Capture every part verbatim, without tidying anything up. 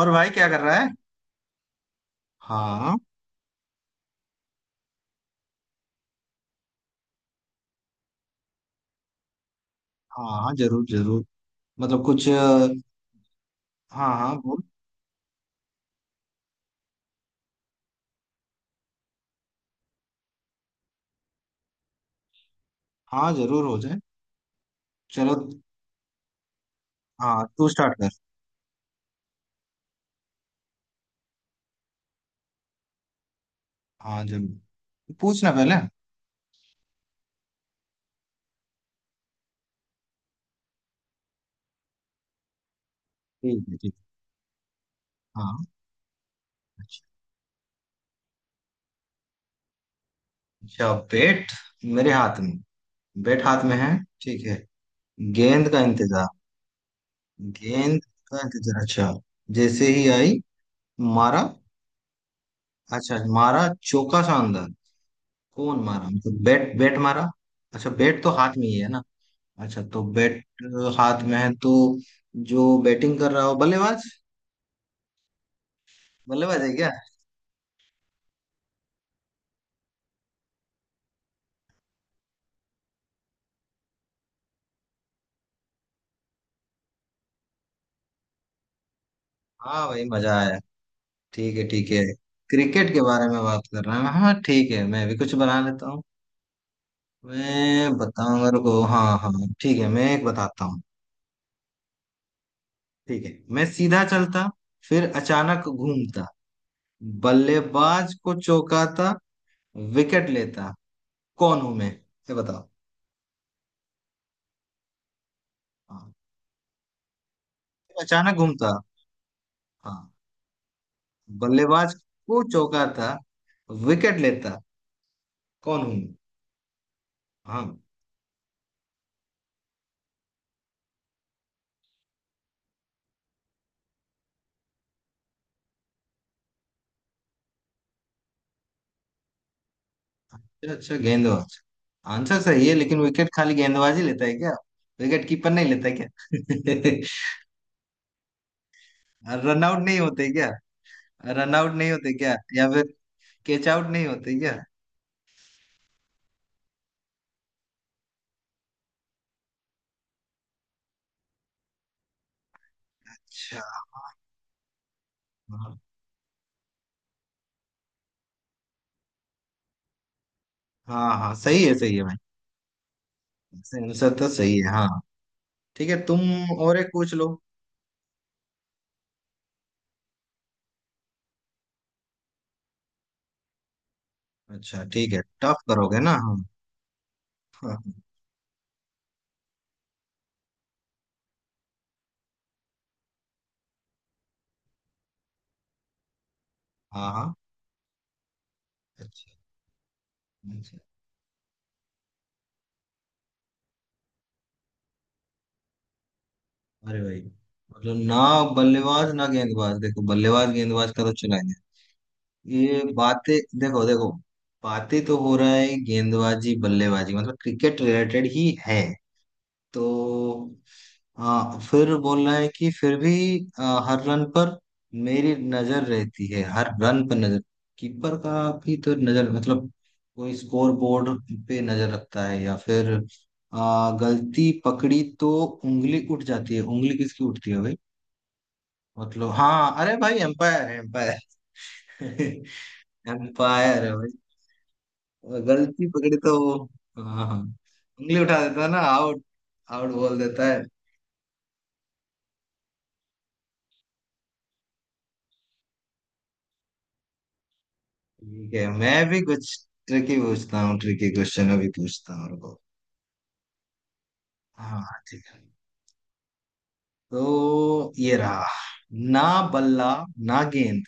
और भाई क्या कर रहा है? हाँ। हाँ हाँ, जरूर जरूर। मतलब कुछ अ, हाँ हाँ बोल। हाँ, जरूर हो जाए। चलो। हाँ, तू स्टार्ट कर। हाँ जरूर। पूछना पहले। ठीक है, ठीक है। हाँ, अच्छा। बेट मेरे हाथ में। बेट हाथ में है। ठीक है। गेंद का इंतजार। गेंद का इंतजार, अच्छा। जैसे ही आई मारा, अच्छा। मारा चौका, शानदार। कौन मारा? मतलब बैट, बैट मारा? अच्छा, बैट तो हाथ में ही है ना। अच्छा, तो बैट हाथ में है तो जो बैटिंग कर रहा हो बल्लेबाज। बल्लेबाज है क्या? हाँ भाई, मजा आया। ठीक है, ठीक है। क्रिकेट के बारे में बात कर रहे हैं। हाँ, ठीक है, मैं भी कुछ बना लेता हूँ। मैं बताऊंगा, रुको। हाँ हाँ। ठीक है, मैं एक बताता हूँ। ठीक है। मैं सीधा चलता, फिर अचानक घूमता, बल्लेबाज को चौकाता, विकेट लेता। कौन हूं मैं? ये बताओ। हाँ। फिर अचानक घूमता। हाँ। बल्लेबाज को चौकाता, विकेट लेता। कौन हूँ मैं? हाँ, अच्छा अच्छा, गेंदबाज। आंसर सही है, लेकिन विकेट खाली गेंदबाज ही लेता है क्या? विकेट कीपर नहीं लेता है क्या? रन आउट नहीं होते क्या? रन आउट नहीं होते क्या, या फिर कैच आउट नहीं होते क्या? अच्छा। हाँ हाँ। हाँ, सही है सही है भाई। आंसर तो सही है, हाँ। ठीक है, तुम और एक पूछ लो। अच्छा, ठीक है, टफ करोगे ना? हाँ। हाँ हाँ। हाँ, अच्छा अच्छा। अरे भाई, मतलब ना बल्लेबाज ना गेंदबाज। देखो, बल्लेबाज गेंदबाज का तो चला है ये। बातें देखो देखो। बातें तो हो रहा है गेंदबाजी बल्लेबाजी, मतलब क्रिकेट रिलेटेड ही है तो। हाँ, फिर बोल रहा है कि फिर भी आ, हर रन पर मेरी नजर रहती है। हर रन पर नजर, कीपर का भी तो नजर। मतलब कोई स्कोर बोर्ड पे नजर रखता है, या फिर आ, गलती पकड़ी तो उंगली उठ जाती है। उंगली किसकी उठती है भाई? मतलब हाँ, अरे भाई एम्पायर है, एम्पायर। एम्पायर। गलती पकड़ी तो वो, हाँ हाँ, उंगली उठा देता है ना। आउट, आउट बोल देता है। ठीक है, मैं भी कुछ ट्रिकी पूछता हूँ। ट्रिकी क्वेश्चन अभी पूछता हूँ, रुको। हाँ। ठीक है, तो ये रहा। ना बल्ला, ना गेंद,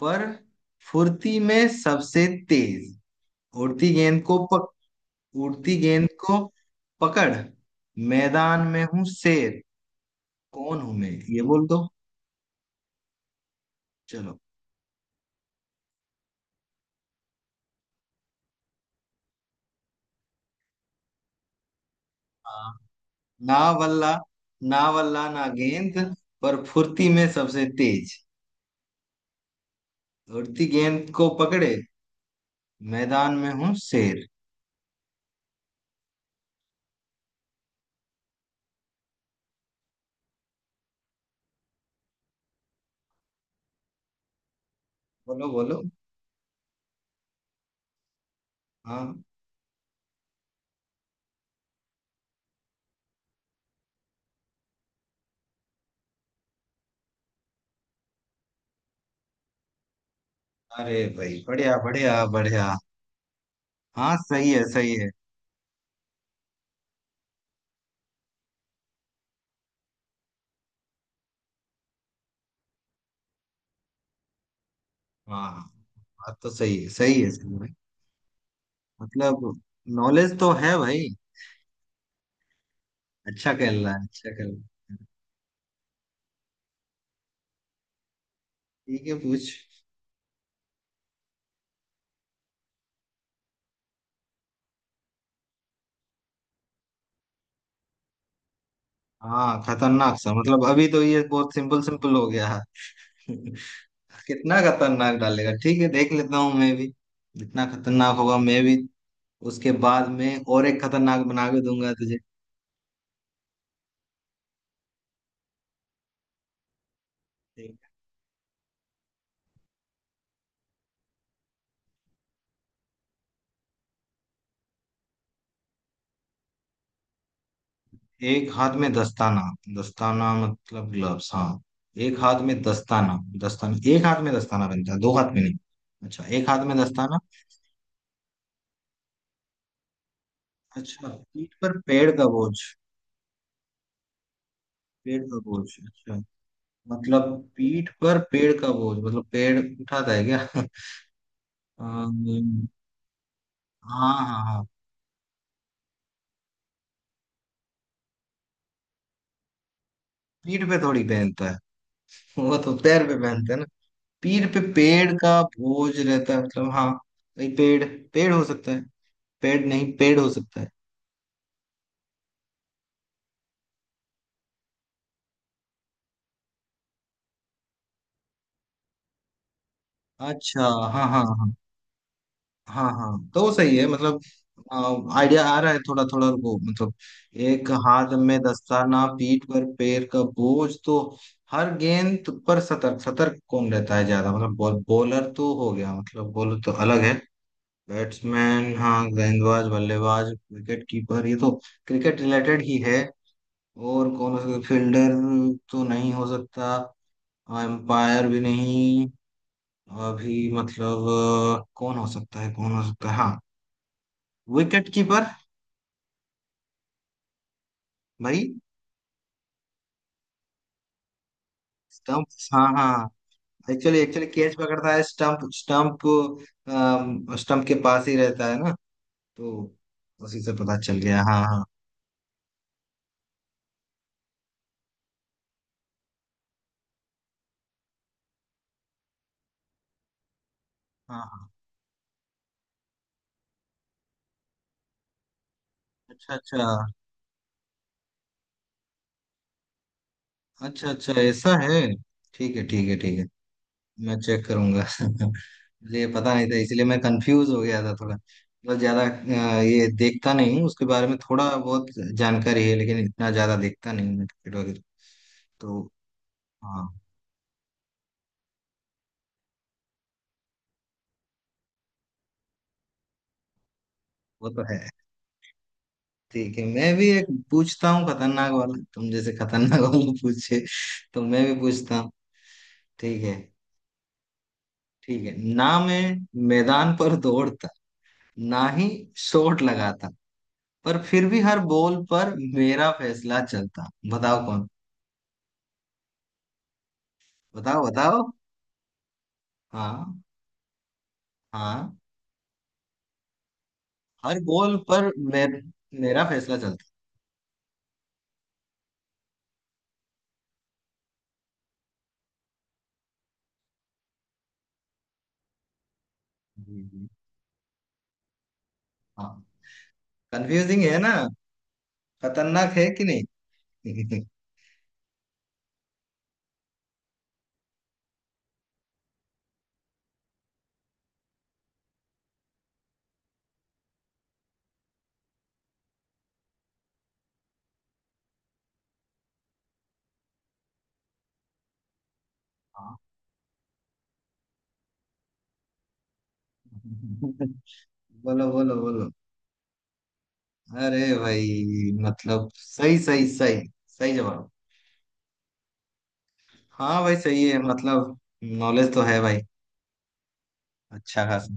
पर फुर्ती में सबसे तेज। उड़ती गेंद को पक उड़ती गेंद को पकड़, मैदान में हूँ शेर। कौन हूं मैं, ये बोल दो। चलो। ना वल्ला ना वल्ला, ना गेंद, पर फुर्ती में सबसे तेज, उड़ती गेंद को पकड़े, मैदान में हूँ शेर। बोलो बोलो। हाँ। अरे भाई, बढ़िया बढ़िया बढ़िया। हाँ, सही है सही है। हाँ, बात तो सही है, सही है सही है। मतलब नॉलेज तो है भाई। अच्छा खेल रहा है, अच्छा खेल रहा है। ठीक है, पूछ। हाँ, खतरनाक सा? मतलब अभी तो ये बहुत सिंपल सिंपल हो गया है। कितना खतरनाक डालेगा? ठीक है, देख लेता हूँ मैं भी। जितना खतरनाक होगा, मैं भी उसके बाद में और एक खतरनाक बना के दूंगा तुझे। एक हाथ में दस्ताना। दस्ताना मतलब ग्लव्स। हाँ, एक हाथ में दस्ताना। दस्ताना, एक हाथ में दस्ताना पहनता है, दो हाथ में नहीं। अच्छा, एक हाथ में दस्ताना। अच्छा। पीठ पर पेड़ का बोझ। पेड़ का बोझ, अच्छा। मतलब पीठ पर पेड़ का बोझ, मतलब पेड़ उठाता है क्या? अम्म, हाँ हाँ हाँ। पीठ पे थोड़ी पहनता है, वो तो पैर पे पहनते हैं ना। पीर पे पेड़ का बोझ रहता है मतलब, हाँ भाई पेड़। पेड़ हो सकता है, पेड़ नहीं, पेड़ हो सकता है। अच्छा, हाँ हाँ हाँ। हाँ हाँ, तो वो सही है मतलब। आइडिया आ रहा है थोड़ा थोड़ा, रुको मतलब। एक हाथ में दस्ताना, पीठ पर पैर का बोझ, तो हर गेंद पर सतर्क। सतर्क कौन रहता है ज्यादा? मतलब बॉल, बॉलर तो हो गया, मतलब बॉलर तो अलग है। बैट्समैन, हाँ, गेंदबाज बल्लेबाज विकेट कीपर, ये तो क्रिकेट रिलेटेड ही है। और कौन हो सकता? फील्डर तो नहीं हो सकता, एम्पायर भी नहीं अभी मतलब। अ, कौन हो सकता है, कौन हो सकता है? हाँ, विकेट कीपर भाई। स्टंप, हाँ हाँ। एक्चुअली एक्चुअली कैच पकड़ता है, स्टंप, स्टंप स्टंप के पास ही रहता है ना, तो उसी से पता चल गया। हाँ हाँ। हाँ हाँ। अच्छा अच्छा, अच्छा अच्छा, ऐसा है। ठीक है, ठीक है, ठीक है। मैं चेक करूंगा। मुझे ये पता नहीं था, इसलिए मैं कंफ्यूज हो गया था थोड़ा। मतलब ज्यादा अ, ये देखता नहीं हूँ, उसके बारे में थोड़ा बहुत जानकारी है, लेकिन इतना ज्यादा देखता नहीं हूँ मैं क्रिकेट वगैरह तो। हाँ, वो तो है। ठीक है, मैं भी एक पूछता हूँ खतरनाक वाला, तुम जैसे खतरनाक वाला पूछे, तो मैं भी पूछता हूँ। ठीक है। ठीक है, ना मैं मैदान पर दौड़ता, ना ही शॉट लगाता, पर फिर भी हर बॉल पर मेरा फैसला चलता। बताओ कौन? बताओ। हाँ हाँ, हर गोल पर मे, मेरा फैसला चलता। हम्म, हम्म। है जी, जी। हाँ, कंफ्यूजिंग है ना? खतरनाक है कि नहीं? हाँ। बोलो बोलो बोलो। अरे भाई मतलब, सही सही सही, सही जवाब। हाँ भाई, सही है। मतलब नॉलेज तो है भाई, अच्छा खासा।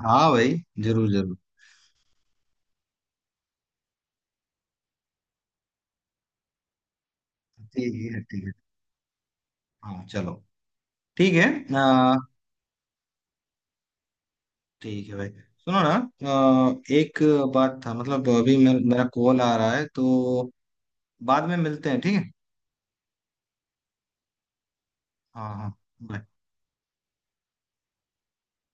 हाँ भाई, जरूर जरूर। ठीक है, ठीक है। हाँ, चलो, ठीक है। आ, ठीक है भाई। सुनो ना, आ, एक बात था मतलब, अभी मे, मेरा कॉल आ रहा है तो बाद में मिलते हैं, ठीक है? हाँ हाँ। bye.